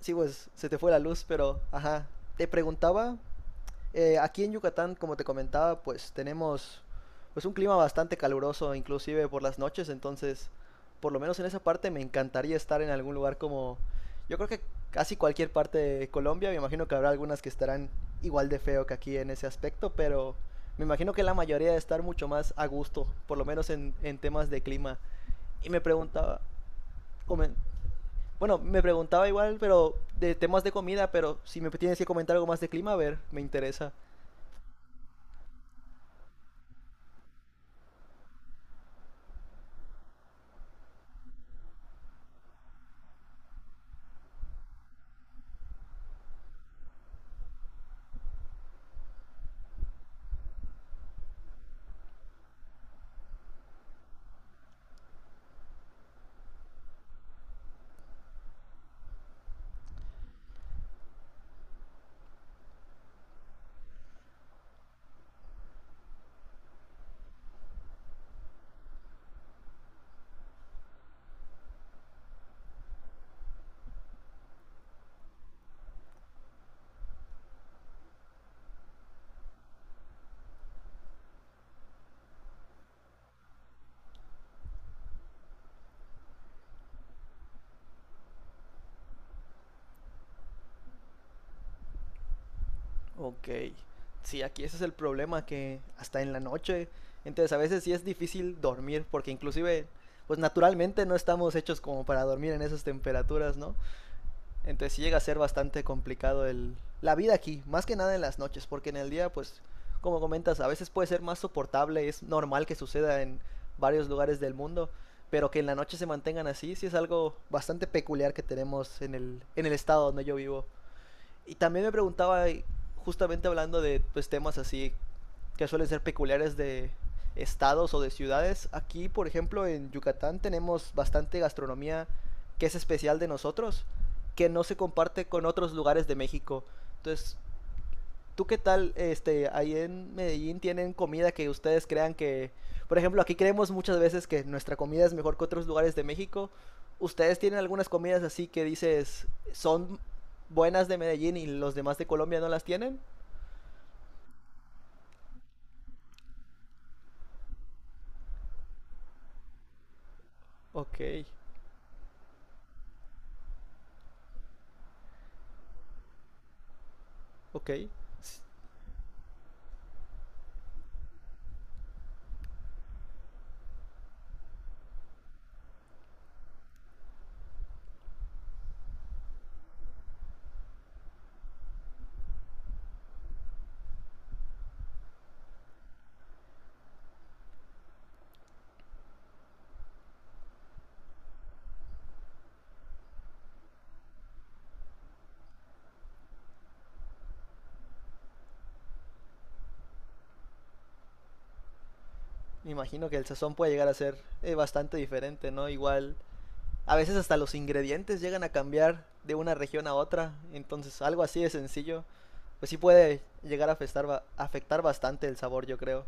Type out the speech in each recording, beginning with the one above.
Sí, pues se te fue la luz, pero ajá. Te preguntaba, aquí en Yucatán, como te comentaba, pues tenemos pues un clima bastante caluroso, inclusive por las noches, entonces, por lo menos en esa parte me encantaría estar en algún lugar como, yo creo que casi cualquier parte de Colombia, me imagino que habrá algunas que estarán igual de feo que aquí en ese aspecto, pero me imagino que la mayoría de estar mucho más a gusto, por lo menos en temas de clima. Y me preguntaba, comen- bueno, me preguntaba igual, pero de temas de comida, pero si me tienes que comentar algo más de clima, a ver, me interesa. Ok. Sí, aquí ese es el problema, que hasta en la noche, entonces a veces sí es difícil dormir, porque inclusive, pues naturalmente no estamos hechos como para dormir en esas temperaturas, ¿no? Entonces sí llega a ser bastante complicado la vida aquí, más que nada en las noches, porque en el día, pues, como comentas, a veces puede ser más soportable, es normal que suceda en varios lugares del mundo, pero que en la noche se mantengan así, sí es algo bastante peculiar que tenemos en el estado donde yo vivo. Y también me preguntaba, justamente hablando de pues, temas así que suelen ser peculiares de estados o de ciudades, aquí por ejemplo en Yucatán tenemos bastante gastronomía que es especial de nosotros, que no se comparte con otros lugares de México. Entonces, ¿tú qué tal, ahí en Medellín tienen comida que ustedes crean que, por ejemplo, aquí creemos muchas veces que nuestra comida es mejor que otros lugares de México? ¿Ustedes tienen algunas comidas así que dices son buenas de Medellín y los demás de Colombia no las tienen? Ok, ok. Me imagino que el sazón puede llegar a ser bastante diferente, ¿no? Igual a veces hasta los ingredientes llegan a cambiar de una región a otra, entonces algo así de sencillo, pues sí puede llegar a afectar, afectar bastante el sabor, yo creo.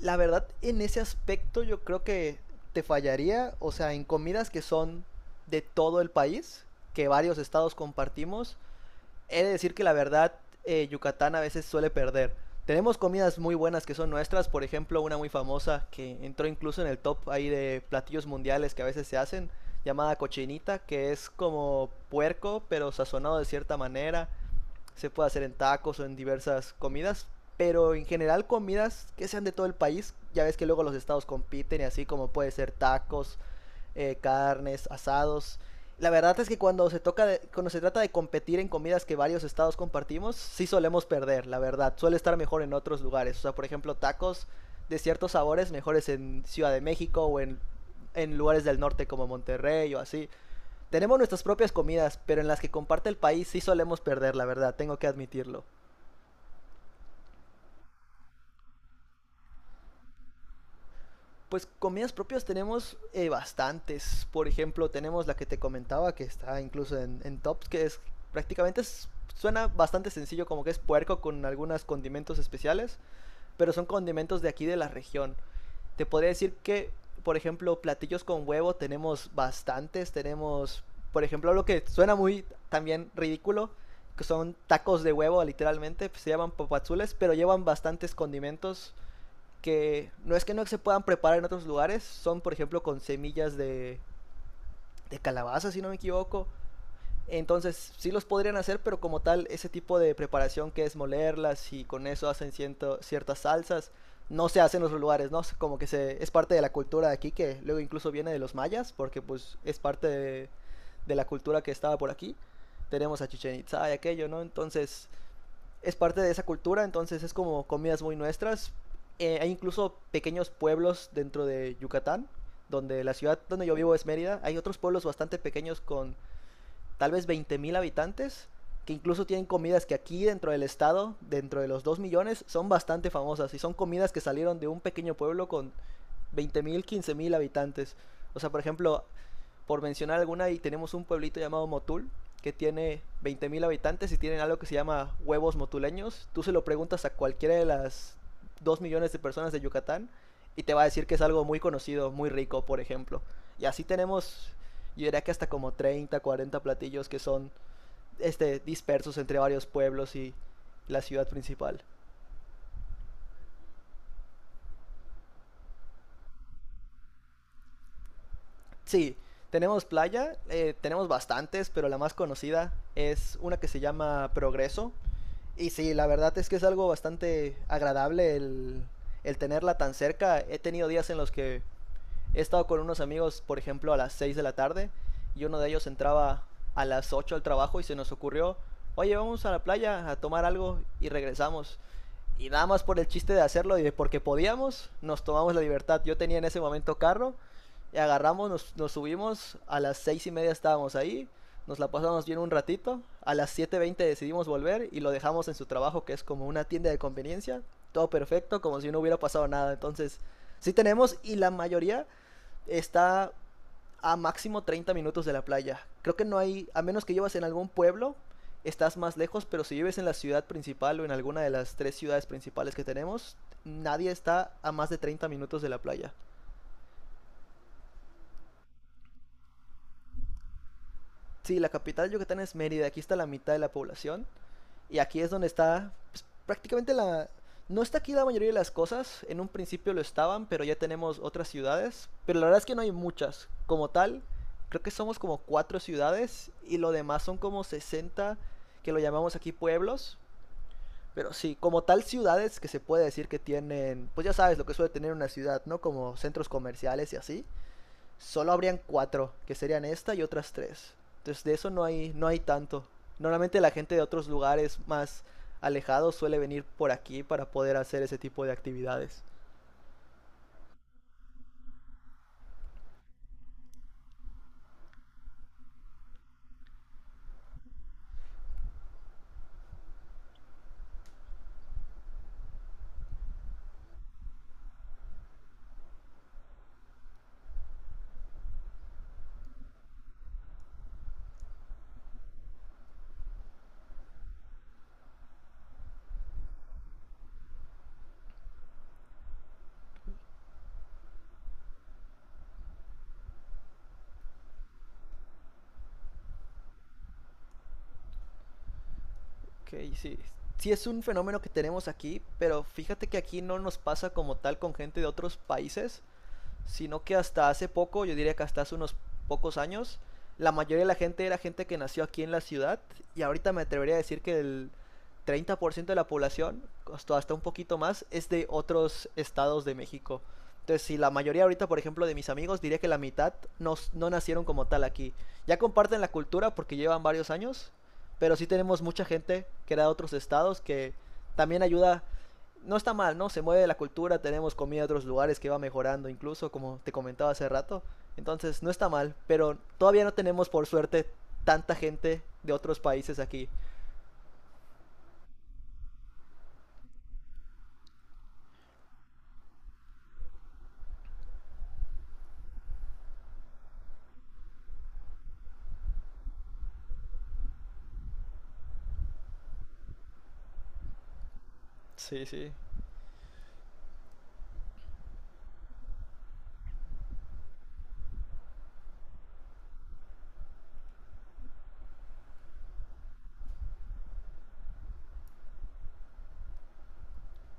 La verdad, en ese aspecto yo creo que te fallaría, o sea, en comidas que son de todo el país, que varios estados compartimos, he de decir que la verdad Yucatán a veces suele perder. Tenemos comidas muy buenas que son nuestras, por ejemplo, una muy famosa que entró incluso en el top ahí de platillos mundiales que a veces se hacen, llamada cochinita, que es como puerco, pero sazonado de cierta manera. Se puede hacer en tacos o en diversas comidas, pero en general comidas que sean de todo el país. Ya ves que luego los estados compiten y así como puede ser tacos, carnes, asados. La verdad es que cuando cuando se trata de competir en comidas que varios estados compartimos, sí solemos perder, la verdad. Suele estar mejor en otros lugares. O sea, por ejemplo, tacos de ciertos sabores mejores en Ciudad de México o en lugares del norte como Monterrey o así. Tenemos nuestras propias comidas, pero en las que comparte el país sí solemos perder, la verdad, tengo que admitirlo. Pues comidas propias tenemos bastantes. Por ejemplo, tenemos la que te comentaba, que está incluso en tops, que es prácticamente es- suena bastante sencillo, como que es puerco con algunos condimentos especiales, pero son condimentos de aquí de la región. Te podría decir que, por ejemplo, platillos con huevo tenemos bastantes. Tenemos, por ejemplo, lo que suena muy también ridículo, que son tacos de huevo, literalmente. Pues, se llaman papazules, pero llevan bastantes condimentos que no es que no se puedan preparar en otros lugares, son por ejemplo con semillas de, calabaza, si no me equivoco. Entonces sí los podrían hacer, pero como tal, ese tipo de preparación que es molerlas y con eso hacen ciertas salsas, no se hace en otros lugares, ¿no? Como que es parte de la cultura de aquí, que luego incluso viene de los mayas, porque pues es parte de, la cultura que estaba por aquí. Tenemos a Chichen Itza y aquello, ¿no? Entonces es parte de esa cultura, entonces es como comidas muy nuestras. Hay incluso pequeños pueblos dentro de Yucatán, donde la ciudad donde yo vivo es Mérida. Hay otros pueblos bastante pequeños con tal vez 20.000 habitantes, que incluso tienen comidas que aquí dentro del estado, dentro de los 2 millones, son bastante famosas. Y son comidas que salieron de un pequeño pueblo con 20.000 15.000 habitantes. O sea, por ejemplo, por mencionar alguna, y tenemos un pueblito llamado Motul, que tiene 20.000 habitantes y tienen algo que se llama huevos motuleños. Tú se lo preguntas a cualquiera de las 2 millones de personas de Yucatán y te va a decir que es algo muy conocido, muy rico, por ejemplo. Y así tenemos, yo diría que hasta como 30, 40 platillos que son este, dispersos entre varios pueblos y la ciudad principal. Sí, tenemos playa, tenemos bastantes, pero la más conocida es una que se llama Progreso. Y sí, la verdad es que es algo bastante agradable el tenerla tan cerca. He tenido días en los que he estado con unos amigos, por ejemplo, a las 6 de la tarde y uno de ellos entraba a las 8 al trabajo y se nos ocurrió, oye, vamos a la playa a tomar algo y regresamos. Y nada más por el chiste de hacerlo y de porque podíamos, nos tomamos la libertad. Yo tenía en ese momento carro y agarramos, nos subimos, a las 6:30 estábamos ahí, nos la pasamos bien un ratito, a las 7:20 decidimos volver y lo dejamos en su trabajo que es como una tienda de conveniencia, todo perfecto, como si no hubiera pasado nada. Entonces, sí tenemos y la mayoría está a máximo 30 minutos de la playa. Creo que no hay, a menos que llevas en algún pueblo, estás más lejos, pero si vives en la ciudad principal o en alguna de las tres ciudades principales que tenemos, nadie está a más de 30 minutos de la playa. Sí, la capital de Yucatán es Mérida, aquí está la mitad de la población. Y aquí es donde está pues, prácticamente la... No está aquí la mayoría de las cosas, en un principio lo estaban, pero ya tenemos otras ciudades, pero la verdad es que no hay muchas. Como tal, creo que somos como cuatro ciudades y lo demás son como 60 que lo llamamos aquí pueblos, pero sí, como tal ciudades que se puede decir que tienen, pues ya sabes lo que suele tener una ciudad, ¿no? Como centros comerciales y así solo habrían cuatro, que serían esta y otras tres. Entonces de eso no hay, no hay tanto. Normalmente la gente de otros lugares más alejados suele venir por aquí para poder hacer ese tipo de actividades. Ok, sí. Sí es un fenómeno que tenemos aquí, pero fíjate que aquí no nos pasa como tal con gente de otros países, sino que hasta hace poco, yo diría que hasta hace unos pocos años, la mayoría de la gente era gente que nació aquí en la ciudad y ahorita me atrevería a decir que el 30% de la población, hasta un poquito más, es de otros estados de México. Entonces, si la mayoría ahorita, por ejemplo, de mis amigos, diría que la mitad no nacieron como tal aquí. Ya comparten la cultura porque llevan varios años, pero sí tenemos mucha gente que era de otros estados que también ayuda, no está mal, ¿no? Se mueve la cultura, tenemos comida de otros lugares que va mejorando incluso, como te comentaba hace rato. Entonces, no está mal, pero todavía no tenemos, por suerte, tanta gente de otros países aquí. Sí, sí.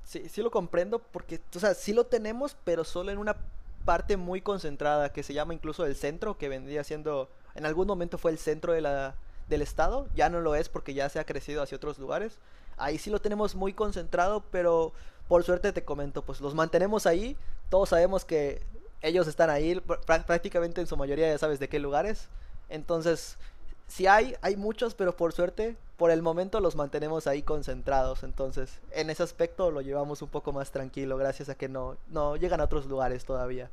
Sí, sí lo comprendo porque, o sea, sí lo tenemos, pero solo en una parte muy concentrada que se llama incluso el centro, que vendría siendo, en algún momento fue el centro de la, del estado, ya no lo es porque ya se ha crecido hacia otros lugares. Ahí sí lo tenemos muy concentrado, pero por suerte te comento, pues los mantenemos ahí, todos sabemos que ellos están ahí pr prácticamente en su mayoría, ya sabes de qué lugares. Entonces, si hay muchos, pero por suerte, por el momento los mantenemos ahí concentrados. Entonces, en ese aspecto lo llevamos un poco más tranquilo, gracias a que no, no llegan a otros lugares todavía.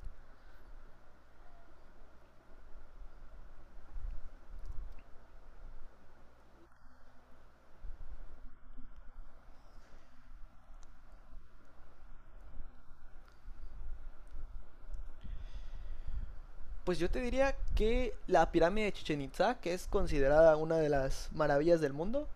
Pues yo te diría que la pirámide de Chichen Itza, que es considerada una de las maravillas del mundo,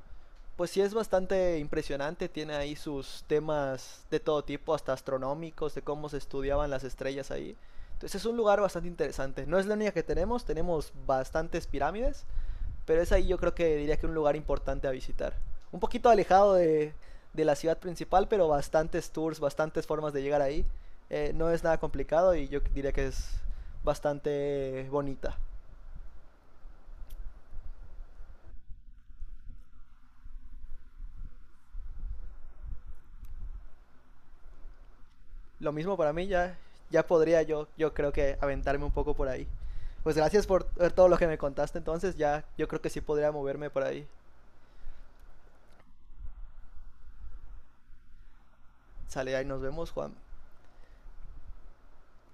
pues sí es bastante impresionante, tiene ahí sus temas de todo tipo, hasta astronómicos, de cómo se estudiaban las estrellas ahí. Entonces es un lugar bastante interesante. No es la única que tenemos, tenemos bastantes pirámides, pero es ahí yo creo que diría que un lugar importante a visitar. Un poquito alejado de, la ciudad principal, pero bastantes tours, bastantes formas de llegar ahí. No es nada complicado y yo diría que es bastante bonita. Lo mismo para mí, ya, ya podría yo creo que aventarme un poco por ahí. Pues gracias por todo lo que me contaste entonces, ya yo creo que sí podría moverme por ahí. Sale ahí, nos vemos, Juan.